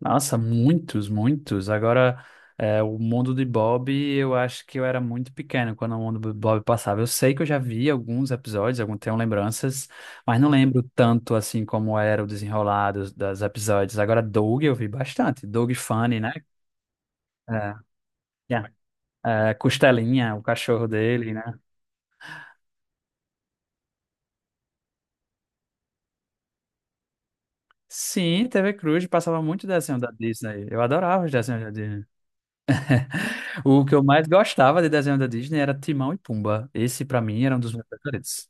Nossa, muitos, muitos. Agora, o mundo de Bob, eu acho que eu era muito pequeno quando o mundo de Bob passava. Eu sei que eu já vi alguns episódios, algum, tenho lembranças, mas não lembro tanto assim como era o desenrolar dos episódios. Agora, Doug eu vi bastante. Doug Funny, né? É, yeah. É, Costelinha, o cachorro dele, né? Sim, TV Cruz passava muito desenho da Disney. Eu adorava os desenhos da Disney. O que eu mais gostava de desenho da Disney era Timão e Pumba. Esse, pra mim, era um dos meus preferidos.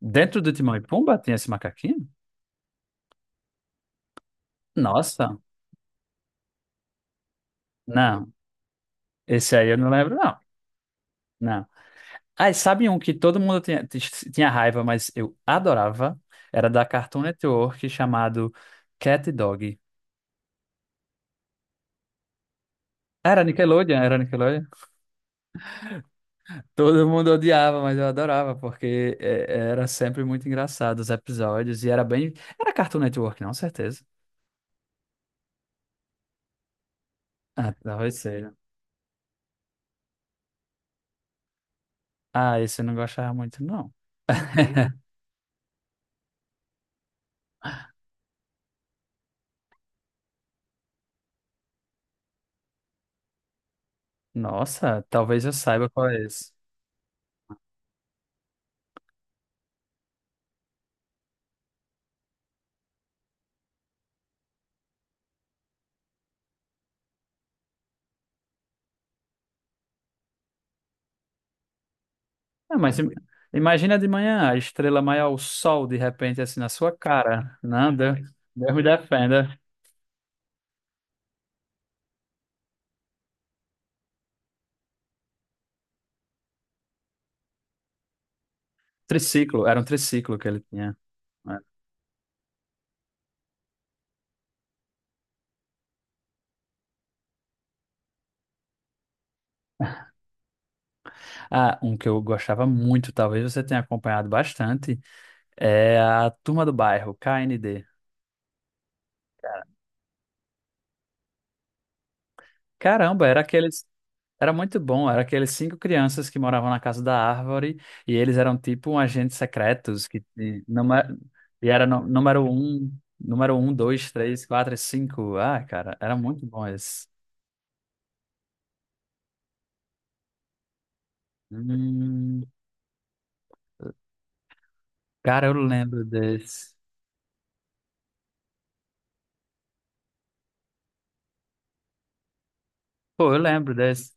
Dentro do Timão e Pumba tem esse macaquinho? Nossa, não. Esse aí eu não lembro, não. Não. Ah, e sabe um que todo mundo tinha, tinha raiva, mas eu adorava? Era da Cartoon Network chamado Cat e Dog. Era Nickelodeon, era Nickelodeon. Todo mundo odiava, mas eu adorava, porque era sempre muito engraçado os episódios e era bem. Era Cartoon Network, não, certeza. Ah, talvez seja. Ah, esse eu não gostava muito, não. Nossa, talvez eu saiba qual é esse. Ah, mas imagina de manhã a estrela maior, o sol, de repente, assim, na sua cara. Não, Deus, Deus me defenda. Triciclo, era um triciclo que ele tinha. Né? Ah, um que eu gostava muito, talvez você tenha acompanhado bastante, é a Turma do Bairro, KND. Caramba, era aquele. Era muito bom, era aqueles cinco crianças que moravam na casa da árvore e eles eram tipo um agentes secretos e era número um, dois, três, quatro, e cinco. Ah, cara, era muito bom esse. Hum, cara, eu lembro desse. Pô, eu lembro desse.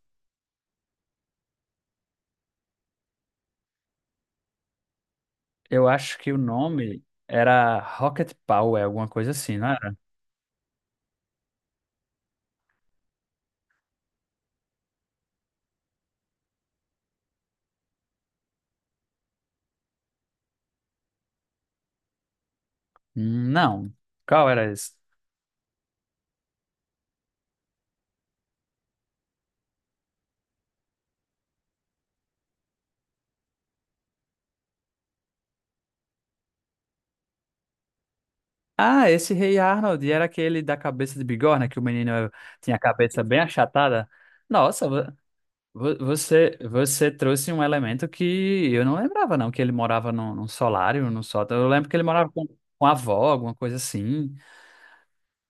Eu acho que o nome era Rocket Power, alguma coisa assim, não era? Não. Qual era esse? Ah, esse Rei Arnold era aquele da cabeça de bigorna que o menino tinha a cabeça bem achatada. Nossa, Você, você trouxe um elemento que eu não lembrava, não, que ele morava num, num solário, num sótão. Eu lembro que ele morava com a avó, alguma coisa assim,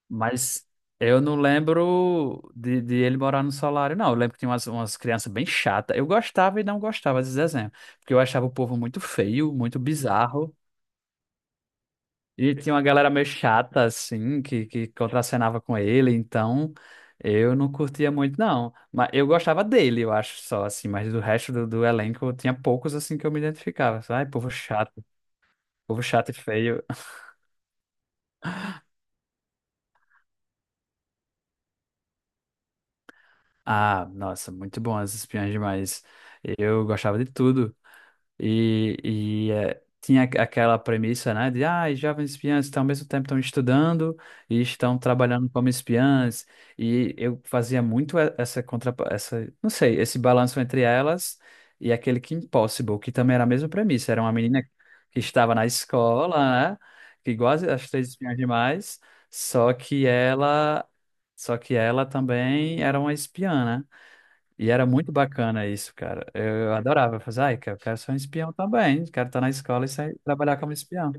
mas eu não lembro de ele morar no solário, não. Eu lembro que tinha umas, umas crianças bem chatas. Eu gostava e não gostava desse desenho, porque eu achava o povo muito feio, muito bizarro. E tinha uma galera meio chata, assim, que contracenava com ele, então eu não curtia muito, não. Mas eu gostava dele, eu acho, só, assim, mas do resto do elenco tinha poucos, assim, que eu me identificava. Ai, povo chato e feio. Ah, nossa, muito bom as espiãs demais. Eu gostava de tudo. Tinha aquela premissa, né, de ah, os jovens espiãs estão ao mesmo tempo estão estudando e estão trabalhando como espiãs. E eu fazia muito essa contra, essa, não sei, esse balanço entre elas e aquele Kim Possible, que também era a mesma premissa. Era uma menina que estava na escola, né, que igual as, as três espiãs demais, só que ela, só que ela também era uma espiã, né? E era muito bacana isso, cara. Eu adorava. Eu falava, ai, cara, eu quero ser um espião também. Quero estar na escola e sair trabalhar como espião.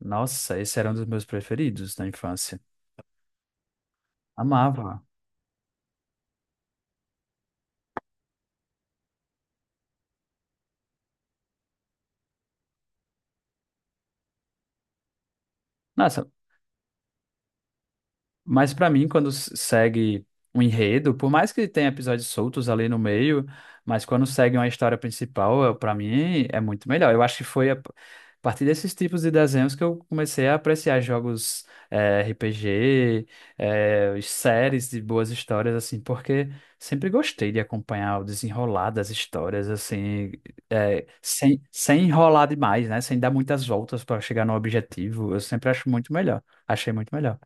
Nossa, esse era um dos meus preferidos na infância. Amava. Nossa, mas pra mim, quando segue um enredo, por mais que tenha episódios soltos ali no meio, mas quando segue uma história principal, pra mim é muito melhor. Eu acho que foi a partir desses tipos de desenhos que eu comecei a apreciar jogos RPG, séries de boas histórias, assim, porque sempre gostei de acompanhar o desenrolar das histórias, assim, sem enrolar demais, né? Sem dar muitas voltas pra chegar no objetivo. Eu sempre acho muito melhor. Achei muito melhor.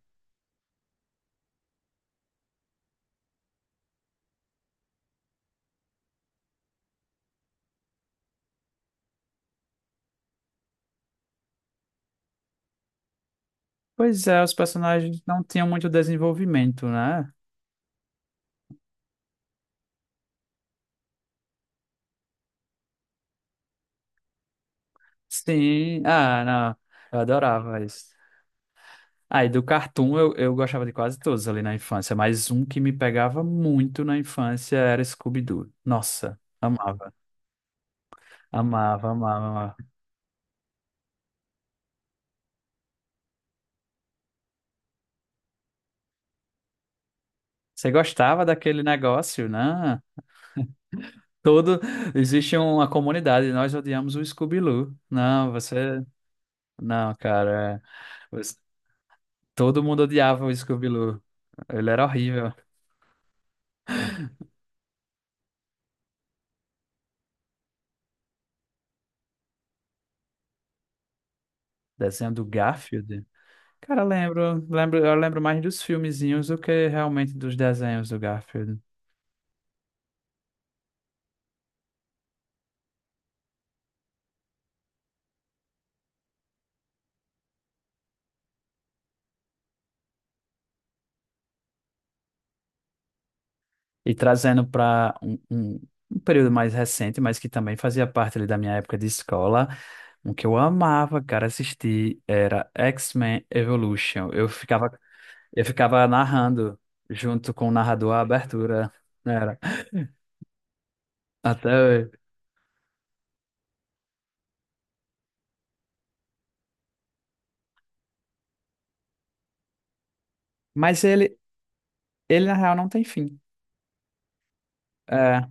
Pois é, os personagens não tinham muito desenvolvimento, né? Sim, ah, não, eu adorava isso. Aí do cartoon eu gostava de quase todos ali na infância, mas um que me pegava muito na infância era Scooby-Doo. Nossa, amava, amava, amava, amava. Você gostava daquele negócio, né? Todo, existe uma comunidade, nós odiamos o Scooby-Doo. Não, você, não, cara, é, você- todo mundo odiava o Scooby-Doo. Ele era horrível. Desenho do Garfield. Cara, lembro, lembro, eu lembro mais dos filmezinhos do que realmente dos desenhos do Garfield. E trazendo para um período mais recente, mas que também fazia parte ali da minha época de escola, um que eu amava, cara, assistir era X-Men Evolution. Eu ficava narrando junto com o narrador a abertura, né, era até hoje. Mas ele na real não tem fim. É,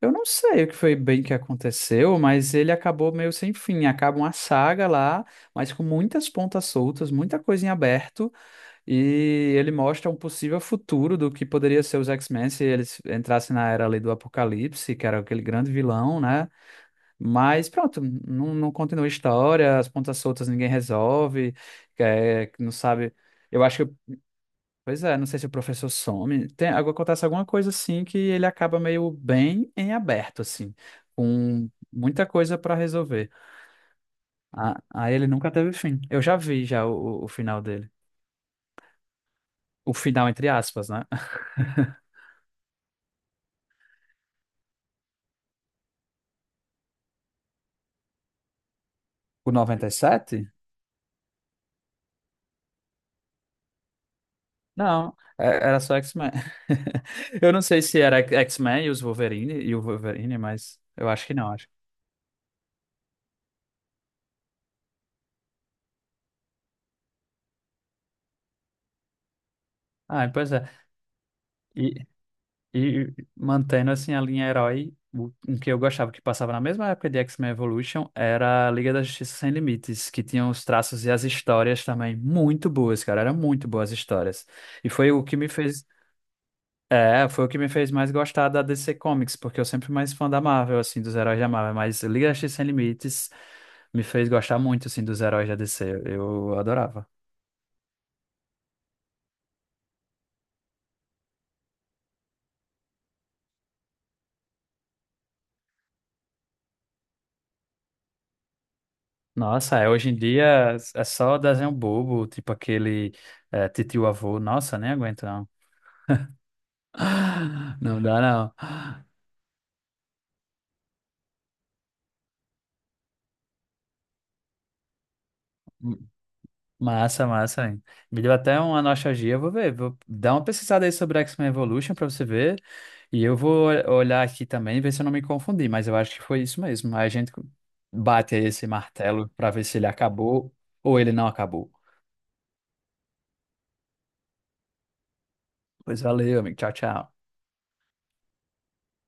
eu não sei o que foi bem que aconteceu, mas ele acabou meio sem fim. Acaba uma saga lá, mas com muitas pontas soltas, muita coisa em aberto, e ele mostra um possível futuro do que poderia ser os X-Men se eles entrassem na era ali do Apocalipse, que era aquele grande vilão, né? Mas pronto, não, não continua a história, as pontas soltas ninguém resolve, é, não sabe. Eu acho que pois é, não sei se o professor some. Tem, acontece alguma coisa assim que ele acaba meio bem em aberto, assim, com muita coisa para resolver. Ah, aí ele nunca teve fim. Eu já vi já o final dele. O final, entre aspas, né? O 97. Não, era só X-Men. Eu não sei se era X-Men e os Wolverine e o Wolverine, mas eu acho que não, acho. Ah, pois é. E mantendo assim a linha herói, o um que eu gostava que passava na mesma época de X-Men Evolution era a Liga da Justiça Sem Limites, que tinha os traços e as histórias também muito boas, cara, eram muito boas histórias. E foi o que me fez, é, foi o que me fez mais gostar da DC Comics, porque eu sempre fui mais fã da Marvel assim, dos heróis da Marvel, mas Liga da Justiça Sem Limites me fez gostar muito assim dos heróis da DC, eu adorava. Nossa, é, hoje em dia é só desenho bobo, tipo aquele é, Titio Avô, nossa, nem aguento não. Não dá, não. Massa, massa, hein? Me deu até uma nostalgia. Eu vou ver, vou dar uma pesquisada aí sobre X-Men Evolution pra você ver. E eu vou olhar aqui também, e ver se eu não me confundi, mas eu acho que foi isso mesmo. Aí a gente bate aí esse martelo pra ver se ele acabou ou ele não acabou. Pois valeu, amigo. Tchau, tchau.